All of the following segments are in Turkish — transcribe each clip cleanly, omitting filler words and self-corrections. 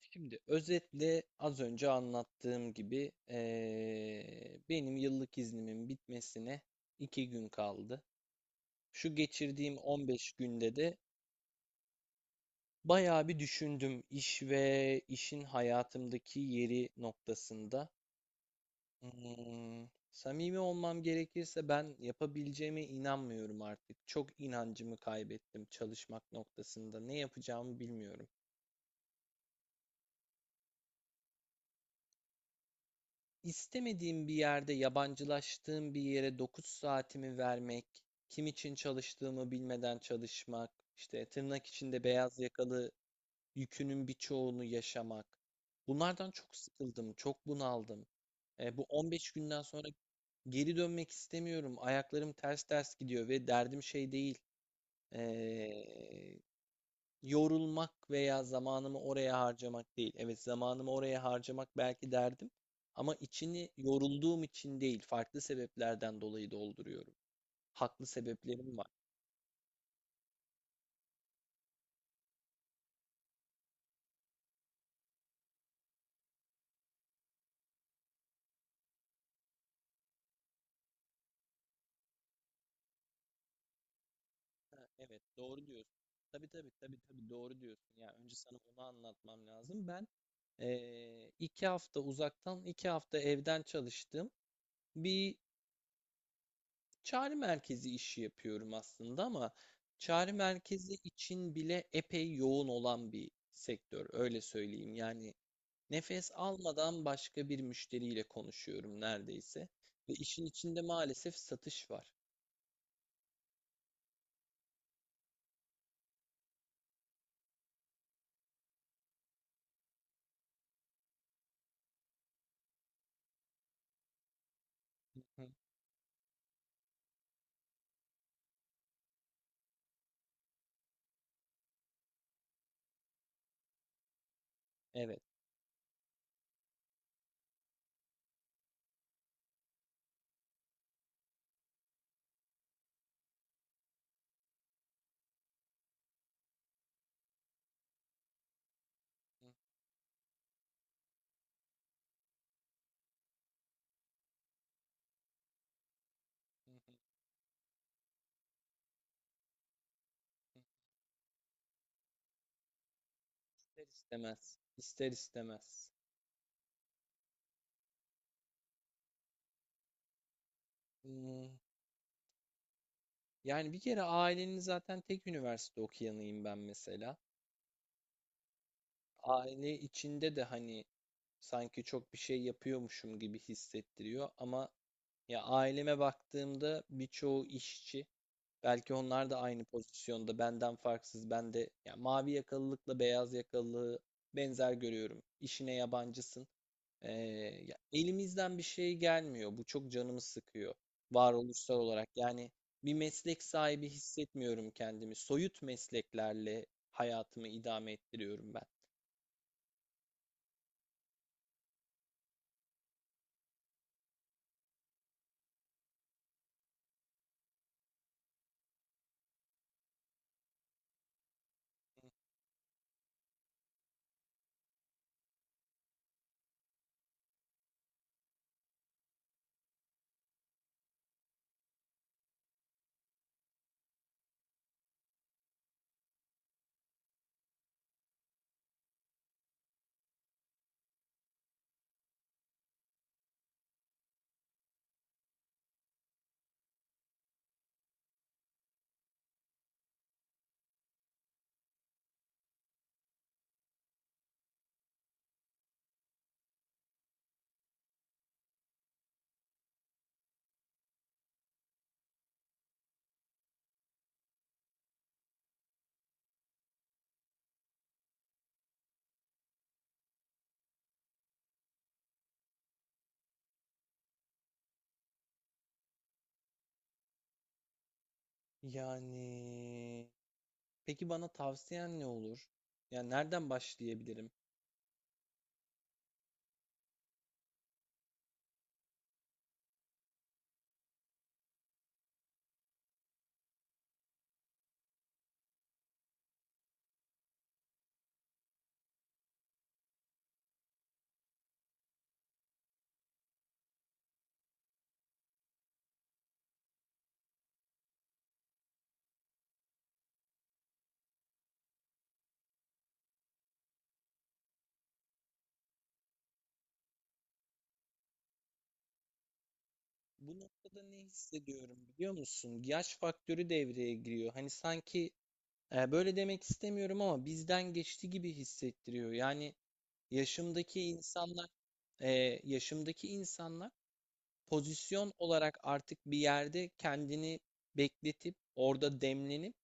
Şimdi özetle az önce anlattığım gibi benim yıllık iznimin bitmesine 2 gün kaldı. Şu geçirdiğim 15 günde de bayağı bir düşündüm iş ve işin hayatımdaki yeri noktasında. Samimi olmam gerekirse ben yapabileceğime inanmıyorum artık. Çok inancımı kaybettim çalışmak noktasında. Ne yapacağımı bilmiyorum. İstemediğim bir yerde, yabancılaştığım bir yere 9 saatimi vermek, kim için çalıştığımı bilmeden çalışmak, işte tırnak içinde beyaz yakalı yükünün birçoğunu yaşamak. Bunlardan çok sıkıldım, çok bunaldım. Bu 15 günden sonra geri dönmek istemiyorum. Ayaklarım ters ters gidiyor ve derdim şey değil. e, Yorulmak veya zamanımı oraya harcamak değil. Evet, zamanımı oraya harcamak belki derdim ama içini yorulduğum için değil, farklı sebeplerden dolayı dolduruyorum. Haklı sebeplerim var. Ha, evet, doğru diyorsun. Tabii tabii tabii tabii, doğru diyorsun. Yani önce sana onu anlatmam lazım. Ben 2 hafta uzaktan, 2 hafta evden çalıştım. Bir Çağrı merkezi işi yapıyorum aslında ama çağrı merkezi için bile epey yoğun olan bir sektör, öyle söyleyeyim. Yani nefes almadan başka bir müşteriyle konuşuyorum neredeyse ve işin içinde maalesef satış var. Hı hı, evet, hı hı, hı hı. ister istemez, ister istemez. Hmm, Yani bir kere ailenin zaten tek üniversite okuyanıyım ben mesela. Aile içinde de hani sanki çok bir şey yapıyormuşum gibi hissettiriyor ama, ya, aileme baktığımda birçoğu işçi. Belki onlar da aynı pozisyonda benden farksız. Ben de ya mavi yakalılıkla beyaz yakalılığı benzer görüyorum. İşine yabancısın. Ee, Ya elimizden bir şey gelmiyor, bu çok canımı sıkıyor, varoluşsal olarak. Yani bir meslek sahibi hissetmiyorum kendimi, soyut mesleklerle hayatımı idame ettiriyorum ben. Yani peki bana tavsiyen ne olur? Yani nereden başlayabilirim? Bu noktada ne hissediyorum biliyor musun? Yaş faktörü devreye giriyor. Hani sanki, böyle demek istemiyorum ama, bizden geçti gibi hissettiriyor. Yani yaşımdaki insanlar, e, yaşımdaki insanlar pozisyon olarak artık bir yerde kendini bekletip, orada demlenip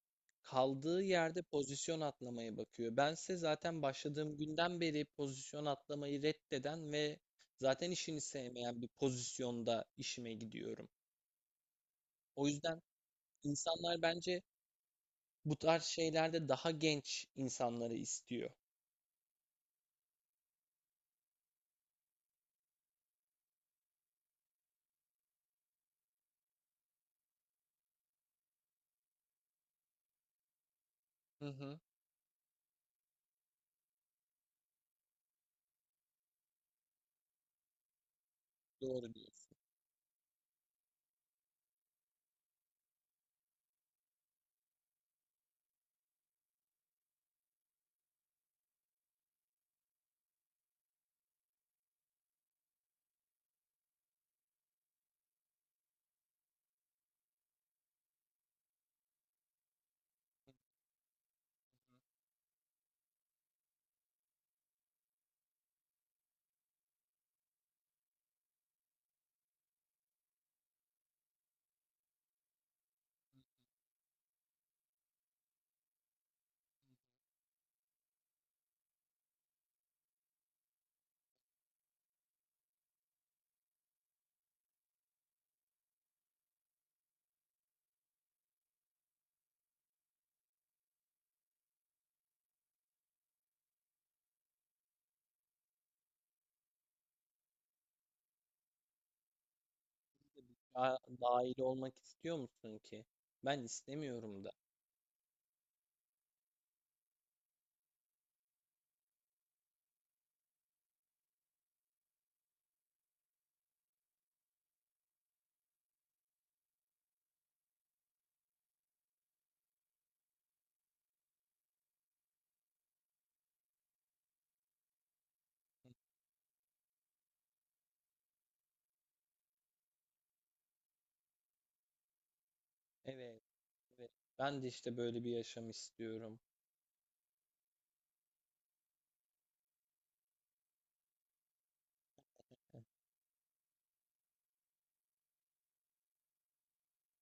kaldığı yerde pozisyon atlamaya bakıyor. Bense zaten başladığım günden beri pozisyon atlamayı reddeden ve zaten işini sevmeyen bir pozisyonda işime gidiyorum. O yüzden insanlar bence bu tarz şeylerde daha genç insanları istiyor. Hı hı. Doğru diyorsun. Daha dahil olmak istiyor musun ki? Ben istemiyorum da. Evet, evet. Ben de işte böyle bir yaşam istiyorum.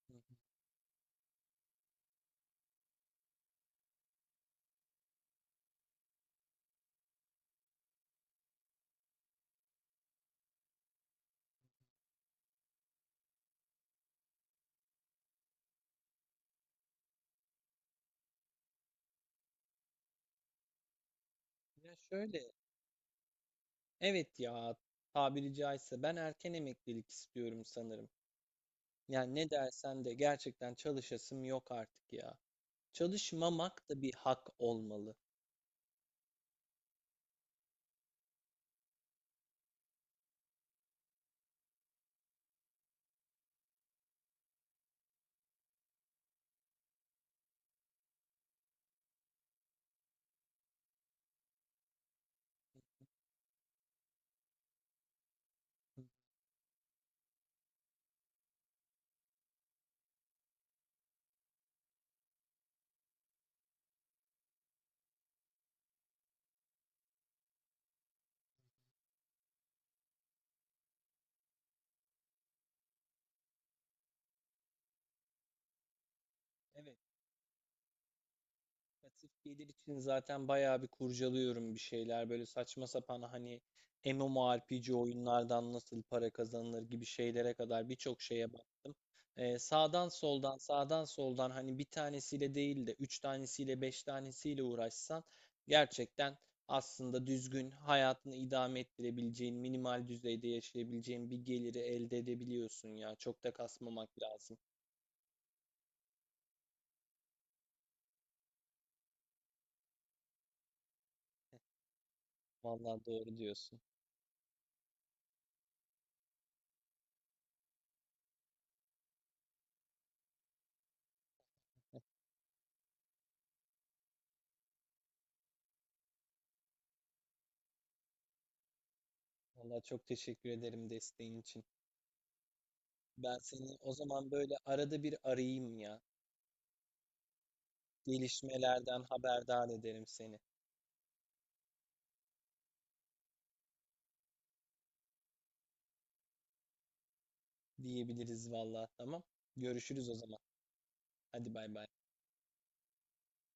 Hı hı. Ya şöyle Evet ya, tabiri caizse ben erken emeklilik istiyorum sanırım. Yani ne dersen de gerçekten çalışasım yok artık ya. Çalışmamak da bir hak olmalı. Evet. Pasif gelir için zaten bayağı bir kurcalıyorum bir şeyler. Böyle saçma sapan, hani, MMORPG oyunlardan nasıl para kazanılır gibi şeylere kadar birçok şeye baktım. Sağdan soldan sağdan soldan, hani, bir tanesiyle değil de 3 tanesiyle, 5 tanesiyle uğraşsan, gerçekten aslında düzgün, hayatını idame ettirebileceğin, minimal düzeyde yaşayabileceğin bir geliri elde edebiliyorsun ya. Çok da kasmamak lazım. Vallahi doğru diyorsun. Valla çok teşekkür ederim desteğin için. Ben seni o zaman böyle arada bir arayayım ya. Gelişmelerden haberdar ederim seni. Diyebiliriz, valla. Tamam. Görüşürüz o zaman. Hadi bay bay.